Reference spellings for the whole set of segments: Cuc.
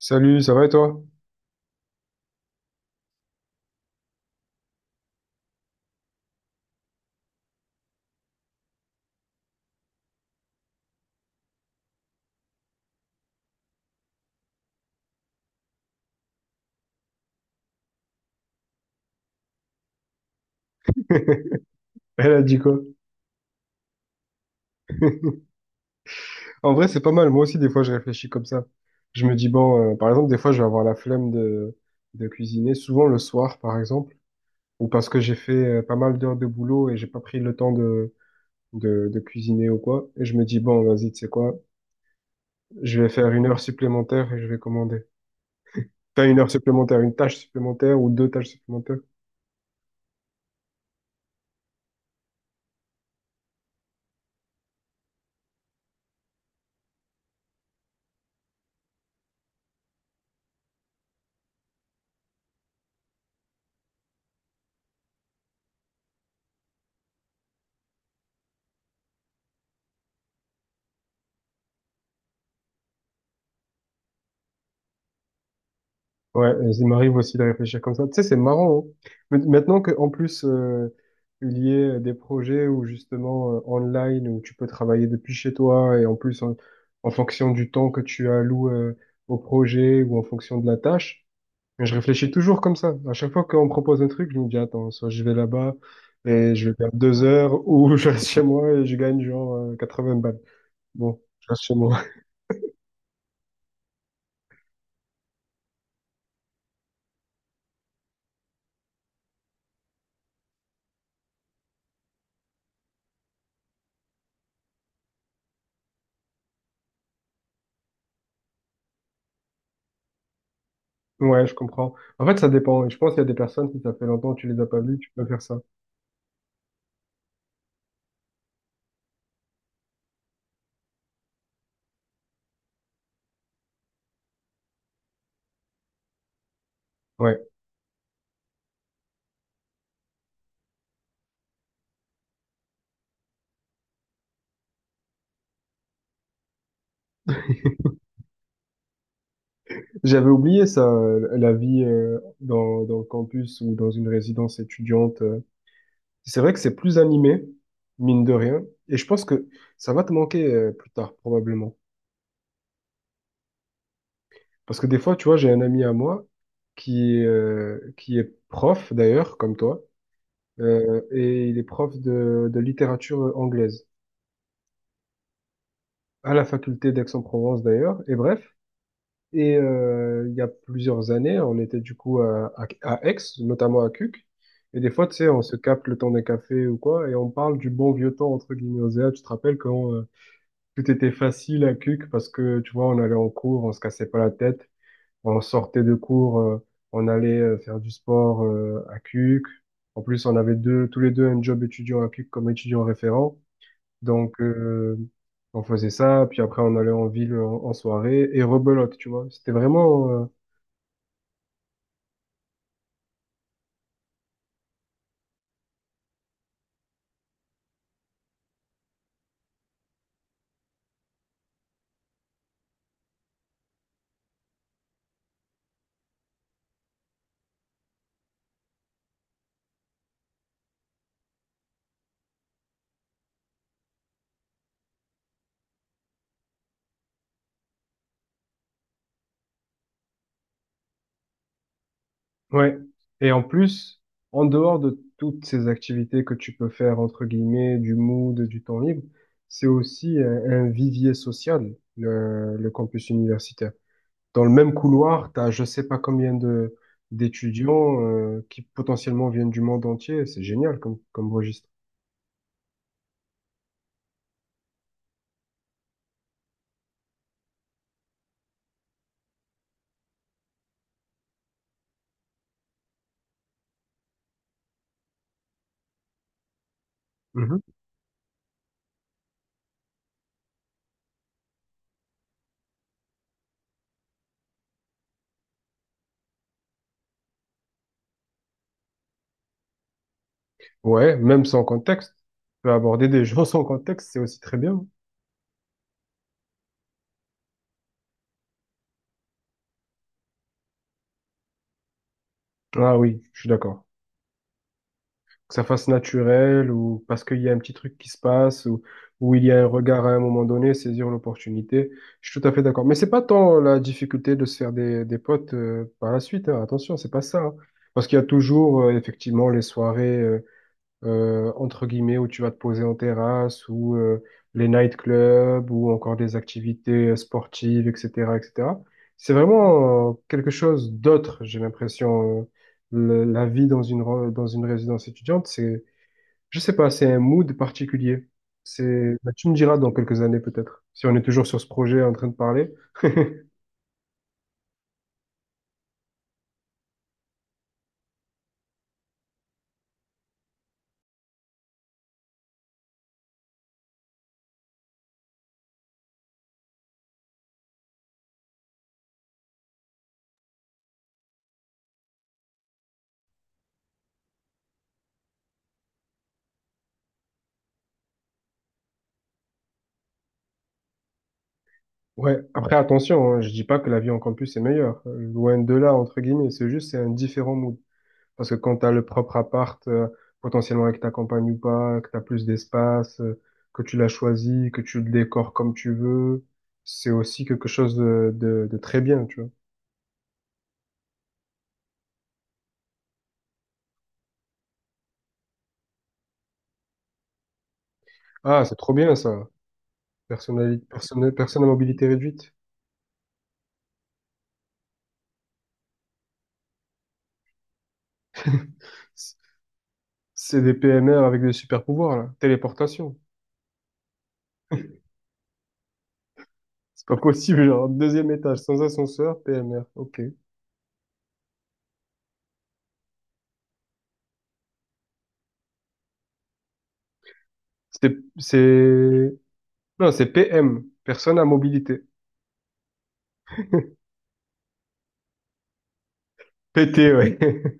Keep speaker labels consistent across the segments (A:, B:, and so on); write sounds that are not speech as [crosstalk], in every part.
A: Salut, ça va et toi? [laughs] Elle a dit quoi? En vrai, c'est pas mal. Moi aussi, des fois, je réfléchis comme ça. Je me dis, bon, par exemple, des fois, je vais avoir la flemme de cuisiner, souvent le soir, par exemple, ou parce que j'ai fait pas mal d'heures de boulot et j'ai pas pris le temps de cuisiner ou quoi. Et je me dis, bon, vas-y, tu sais quoi? Je vais faire une heure supplémentaire et je vais commander. T'as une heure supplémentaire, une tâche supplémentaire ou deux tâches supplémentaires? Ouais, il m'arrive aussi de réfléchir comme ça. Tu sais, c'est marrant, hein. Maintenant qu'en plus, il y ait des projets où justement, online, où tu peux travailler depuis chez toi, et en plus, en fonction du temps que tu alloues, au projet ou en fonction de la tâche, mais je réfléchis toujours comme ça. À chaque fois qu'on me propose un truc, je me dis, attends, soit je vais là-bas et je vais perdre deux heures, [laughs] ou je reste chez moi et je gagne genre, 80 balles. Bon, je reste chez moi. [laughs] Ouais, je comprends. En fait, ça dépend. Je pense qu'il y a des personnes, si ça fait longtemps que tu les as pas vues, tu peux faire ça. Ouais, j'avais oublié ça, la vie dans le campus ou dans une résidence étudiante. C'est vrai que c'est plus animé, mine de rien, et je pense que ça va te manquer plus tard, probablement. Parce que des fois, tu vois, j'ai un ami à moi qui est prof, d'ailleurs, comme toi, et il est prof de littérature anglaise, à la faculté d'Aix-en-Provence, d'ailleurs, et bref. Et il y a plusieurs années, on était du coup à, à Aix, notamment à Cuc. Et des fois, tu sais, on se capte le temps d'un café ou quoi, et on parle du bon vieux temps, entre guillemets, Osea. Tu te rappelles quand tout était facile à Cuc parce que, tu vois, on allait en cours, on se cassait pas la tête, on sortait de cours, on allait faire du sport à Cuc. En plus, on avait tous les deux un job étudiant à Cuc comme étudiant référent. Donc, on faisait ça, puis après on allait en ville en soirée et rebelote, tu vois. C'était vraiment, ouais. Et en plus, en dehors de toutes ces activités que tu peux faire, entre guillemets, du mood, du temps libre, c'est aussi un vivier social, le campus universitaire. Dans le même couloir, t'as je sais pas combien de d'étudiants qui potentiellement viennent du monde entier. C'est génial comme, comme registre. Mhm. Ouais, même sans contexte. Tu peux aborder des [laughs] gens sans contexte, c'est aussi très bien. Ah oui, je suis d'accord. Que ça fasse naturel ou parce qu'il y a un petit truc qui se passe ou il y a un regard à un moment donné, saisir l'opportunité. Je suis tout à fait d'accord. Mais c'est pas tant la difficulté de se faire des potes par la suite, hein. Attention, c'est pas ça. Hein. Parce qu'il y a toujours effectivement les soirées, entre guillemets, où tu vas te poser en terrasse, ou les nightclubs, ou encore des activités sportives, etc., etc. C'est vraiment quelque chose d'autre, j'ai l'impression. La vie dans une résidence étudiante, c'est, je sais pas, c'est un mood particulier. C'est, bah, tu me diras dans quelques années peut-être, si on est toujours sur ce projet en train de parler. [laughs] Ouais, après attention, hein, je dis pas que la vie en campus est meilleure, loin de là, entre guillemets, c'est juste, c'est un différent mood. Parce que quand tu as le propre appart, potentiellement avec ta compagne ou pas, que tu as plus d'espace, que tu l'as choisi, que tu le décores comme tu veux, c'est aussi quelque chose de très bien, tu vois. Ah, c'est trop bien ça. Personnalité, personne, personne à mobilité réduite. C- C'est des PMR avec des super pouvoirs, là. Téléportation. C'est pas [laughs] possible, genre, deuxième étage, sans ascenseur, PMR. Ok. C'est, c'est, non, c'est PM, personne à mobilité. PT, ouais. [laughs]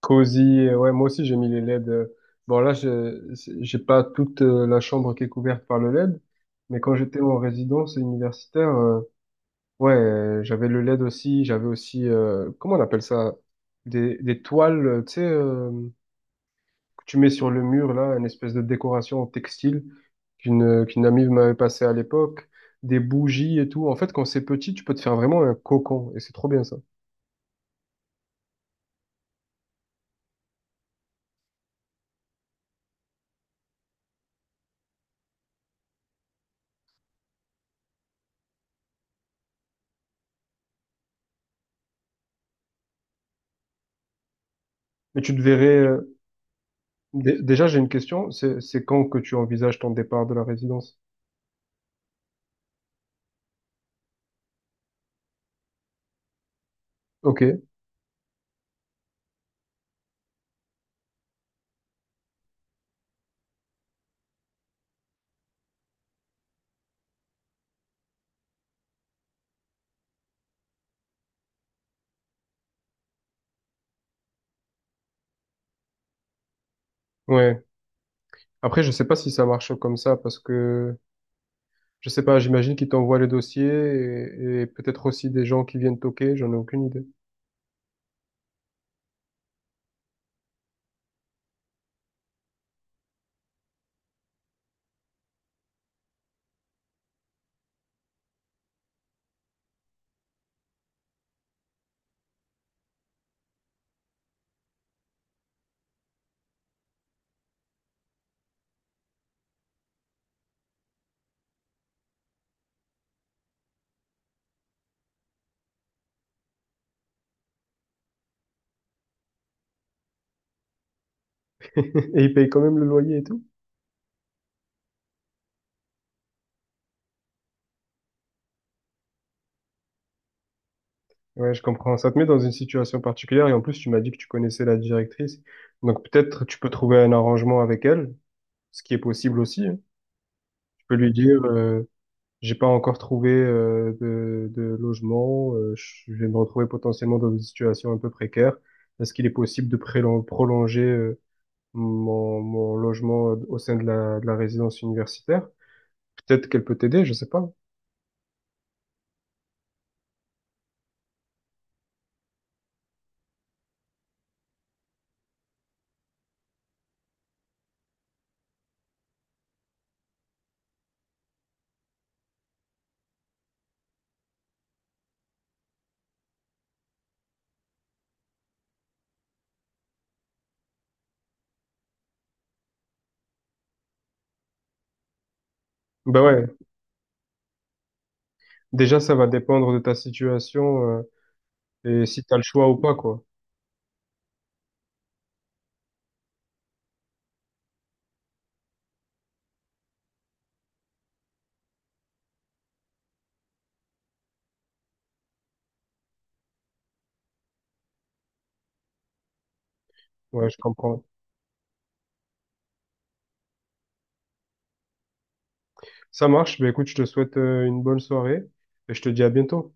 A: Cosy, ouais, moi aussi j'ai mis les LED. Bon là, je- c'est- j'ai pas toute la chambre qui est couverte par le LED, mais quand j'étais en résidence universitaire, ouais, j'avais le LED aussi, j'avais aussi, comment on appelle ça? Des toiles, tu sais, que tu mets sur le mur là, une espèce de décoration en textile qu'une amie m'avait passé à l'époque, des bougies et tout. En fait, quand c'est petit, tu peux te faire vraiment un cocon, et c'est trop bien ça. Mais tu te verrais, déjà, j'ai une question. C'est quand que tu envisages ton départ de la résidence? Ok, ouais. Après, je sais pas si ça marche comme ça parce que je sais pas, j'imagine qu'ils t'envoient les dossiers et peut-être aussi des gens qui viennent toquer, j'en ai aucune idée. [laughs] Et ils payent quand même le loyer et tout? Ouais, je comprends. Ça te met dans une situation particulière et en plus, tu m'as dit que tu connaissais la directrice. Donc peut-être tu peux trouver un arrangement avec elle, ce qui est possible aussi. Hein. Tu peux lui dire, j'ai pas encore trouvé de logement. Je vais me retrouver potentiellement dans une situation un peu précaire. Est-ce qu'il est possible de prolonger mon logement au sein de la résidence universitaire? Peut-être qu'elle peut t'aider, je sais pas. Ben ouais, déjà ça va dépendre de ta situation et si t'as le choix ou pas, quoi. Ouais, je comprends. Ça marche. Bah, écoute, je te souhaite une bonne soirée et je te dis à bientôt.